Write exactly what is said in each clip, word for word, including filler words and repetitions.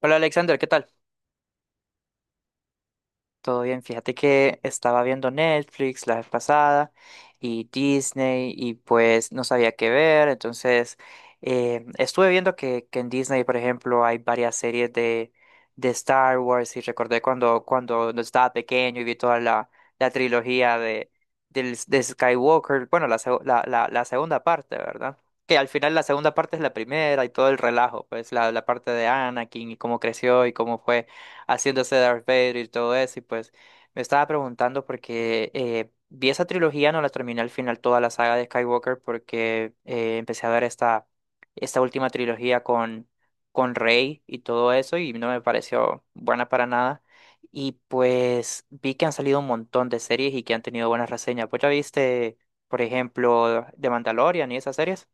Hola Alexander, ¿qué tal? Todo bien, fíjate que estaba viendo Netflix la vez pasada y Disney y pues no sabía qué ver, entonces eh, estuve viendo que, que en Disney, por ejemplo, hay varias series de, de Star Wars y recordé cuando, cuando estaba pequeño y vi toda la, la trilogía de, del- de Skywalker, bueno, la, seg- la, la, la segunda parte, ¿verdad? Que al final la segunda parte es la primera y todo el relajo, pues la, la parte de Anakin y cómo creció y cómo fue haciéndose Darth Vader y todo eso. Y pues me estaba preguntando porque eh, vi esa trilogía, no la terminé al final toda la saga de Skywalker porque eh, empecé a ver esta, esta última trilogía con, con Rey y todo eso y no me pareció buena para nada. Y pues vi que han salido un montón de series y que han tenido buenas reseñas. Pues ya viste, por ejemplo, The Mandalorian y esas series.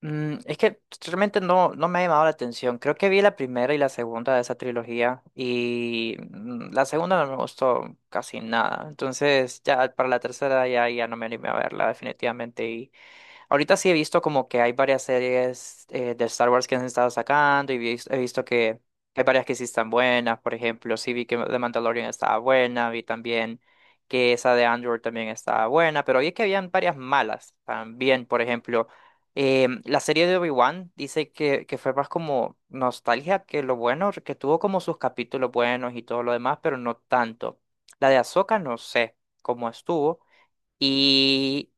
Mm, es que realmente no, no me ha llamado la atención. Creo que vi la primera y la segunda de esa trilogía y mm, la segunda no me gustó casi nada. Entonces ya para la tercera ya, ya no me animé a verla definitivamente. Ahorita sí he visto como que hay varias series eh, de Star Wars que han estado sacando y vis- he visto que hay varias que sí están buenas. Por ejemplo, sí vi que The Mandalorian estaba buena, vi también que esa de Andor también estaba buena, pero vi que habían varias malas también. Por ejemplo, eh, la serie de Obi-Wan dice que, que fue más como nostalgia que lo bueno, que tuvo como sus capítulos buenos y todo lo demás, pero no tanto. La de Ahsoka no sé cómo estuvo. Y...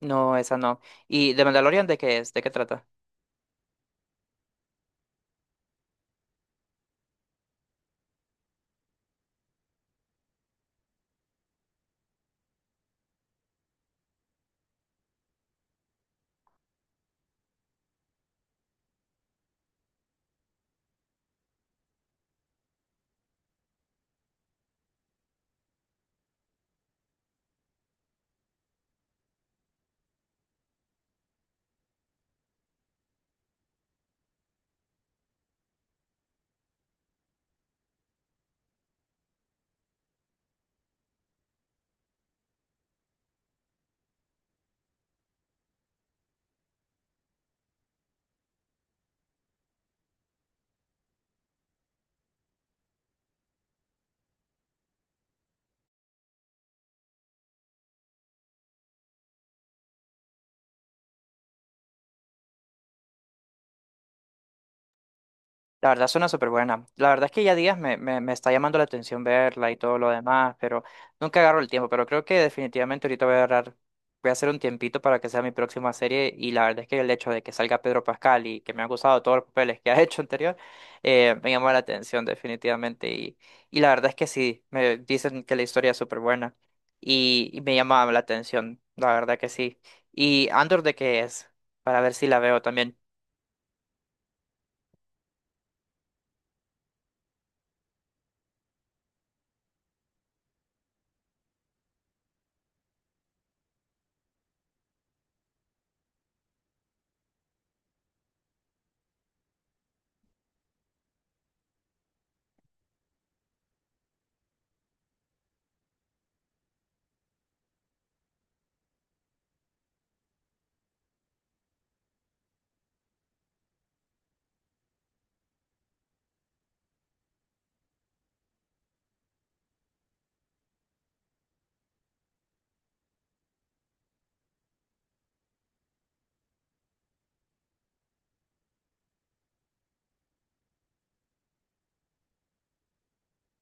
No, esa no. ¿Y The Mandalorian de qué es? ¿De qué trata? La verdad suena súper buena. La verdad es que ya días me, me, me está llamando la atención verla y todo lo demás, pero nunca agarro el tiempo. Pero creo que definitivamente ahorita voy a agarrar, voy a hacer un tiempito para que sea mi próxima serie. Y la verdad es que el hecho de que salga Pedro Pascal y que me han gustado todos los papeles que ha hecho anterior, eh, me llamó la atención definitivamente. Y, y la verdad es que sí, me dicen que la historia es súper buena y, y me llama la atención, la verdad que sí. ¿Y Andor de qué es? Para ver si la veo también.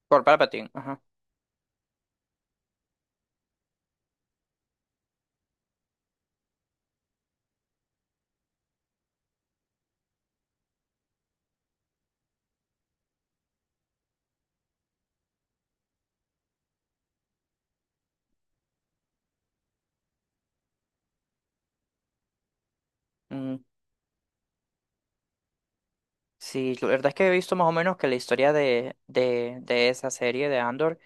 Por Palpatine, ajá. Sí, la verdad es que he visto más o menos que la historia de, de, de esa serie de Andor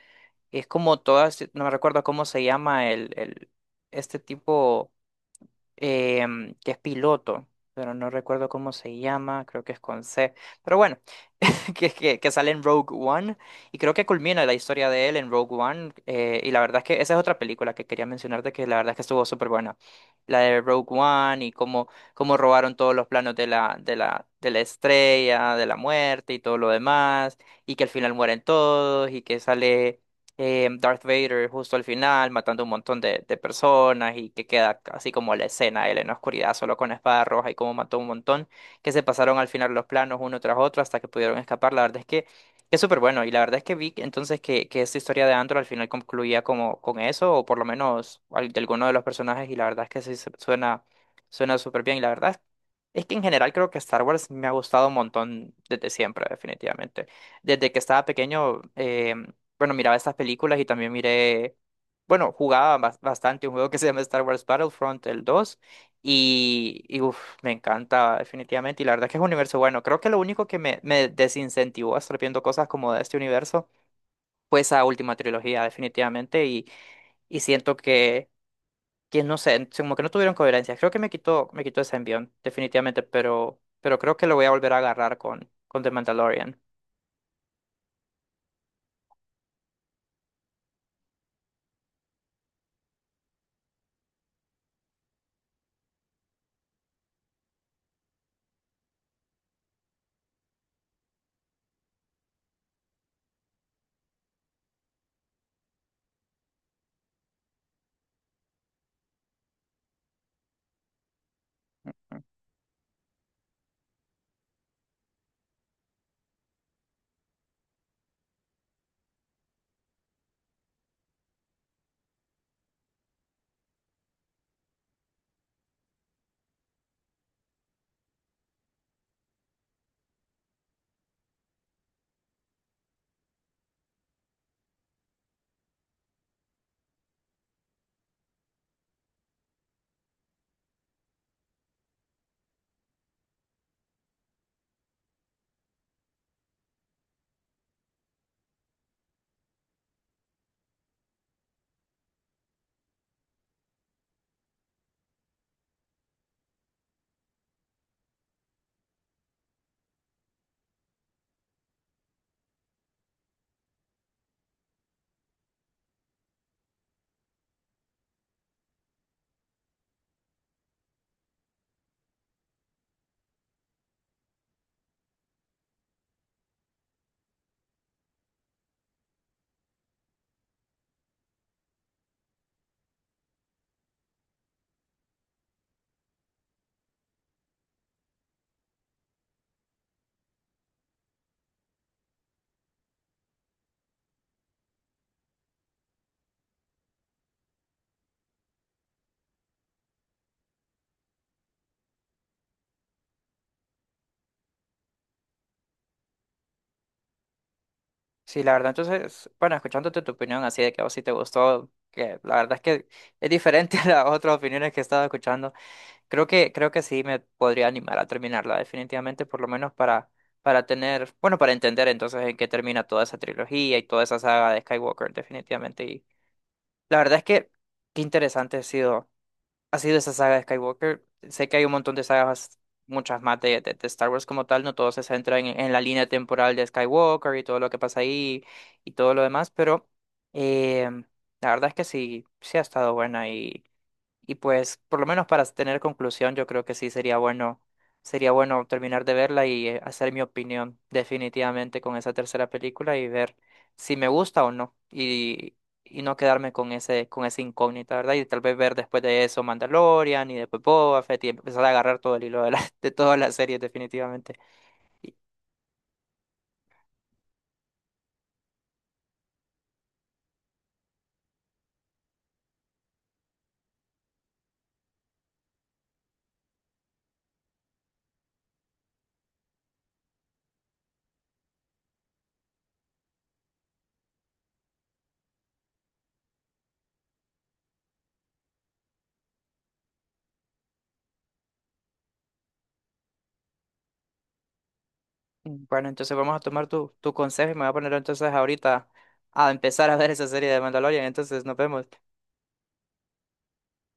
es como todas, si, no me recuerdo cómo se llama el, el este tipo em, que es piloto, pero no recuerdo cómo se llama, creo que es con C. Pero bueno. que, que, que sale en Rogue One y creo que culmina la historia de él en Rogue One, eh, y la verdad es que esa es otra película que quería mencionarte que la verdad es que estuvo súper buena. La de Rogue One y cómo, cómo robaron todos los planos de la, de la, de la estrella de la muerte y todo lo demás y que al final mueren todos y que sale eh, Darth Vader justo al final matando un montón de, de personas y que queda así como la escena él en la oscuridad solo con la espada roja y cómo mató un montón, que se pasaron al final los planos uno tras otro hasta que pudieron escapar. La verdad es que es súper bueno y la verdad es que vi que- entonces que, que esta historia de Andor al final concluía como con eso o por lo menos al- de alguno de los personajes y la verdad es que sí su- suena, suena súper bien y la verdad es que en general creo que Star Wars me ha gustado un montón desde siempre, definitivamente. Desde que estaba pequeño, eh, bueno, miraba estas películas y también miré, bueno, jugaba bas- bastante un juego que se llama Star Wars Battlefront, el dos, y, y uf, me encanta definitivamente. Y la verdad es que es un universo bueno. Creo que lo único que me, me desincentivó a estar viendo cosas como de este universo fue esa última trilogía, definitivamente. Y, y siento que que no sé, como que no tuvieron coherencia. Creo que me quitó, me quitó ese envión, definitivamente, pero, pero creo que lo voy a volver a agarrar con, con The Mandalorian. Ujú. Sí, la verdad, entonces, bueno, escuchándote tu opinión así de que a vos sí te gustó, que la verdad es que es diferente a las otras opiniones que he estado escuchando, creo que, creo que sí me podría animar a terminarla definitivamente, por lo menos para, para tener, bueno, para entender entonces en qué termina toda esa trilogía y toda esa saga de Skywalker definitivamente. Y la verdad es que qué interesante ha sido ha sido esa saga de Skywalker. Sé que hay un montón de sagas, muchas más de, de- de Star Wars como tal, no todos se centran en, en la línea temporal de Skywalker y todo lo que pasa ahí y todo lo demás, pero eh, la verdad es que sí, sí ha estado buena y pues, por lo menos para tener conclusión, yo creo que sí sería bueno, sería bueno terminar de verla y eh, hacer mi opinión definitivamente con esa tercera película y ver si me gusta o no. Y, y no quedarme con ese, con esa incógnita, ¿verdad? Y tal vez ver después de eso Mandalorian y después Boba Fett y empezar a agarrar todo el hilo de, la, de todas las series definitivamente. Y- mm, bueno, entonces vamos a tomar tu, tu consejo y me voy a poner entonces ahorita a empezar a ver esa serie de Mandalorian. Entonces nos vemos.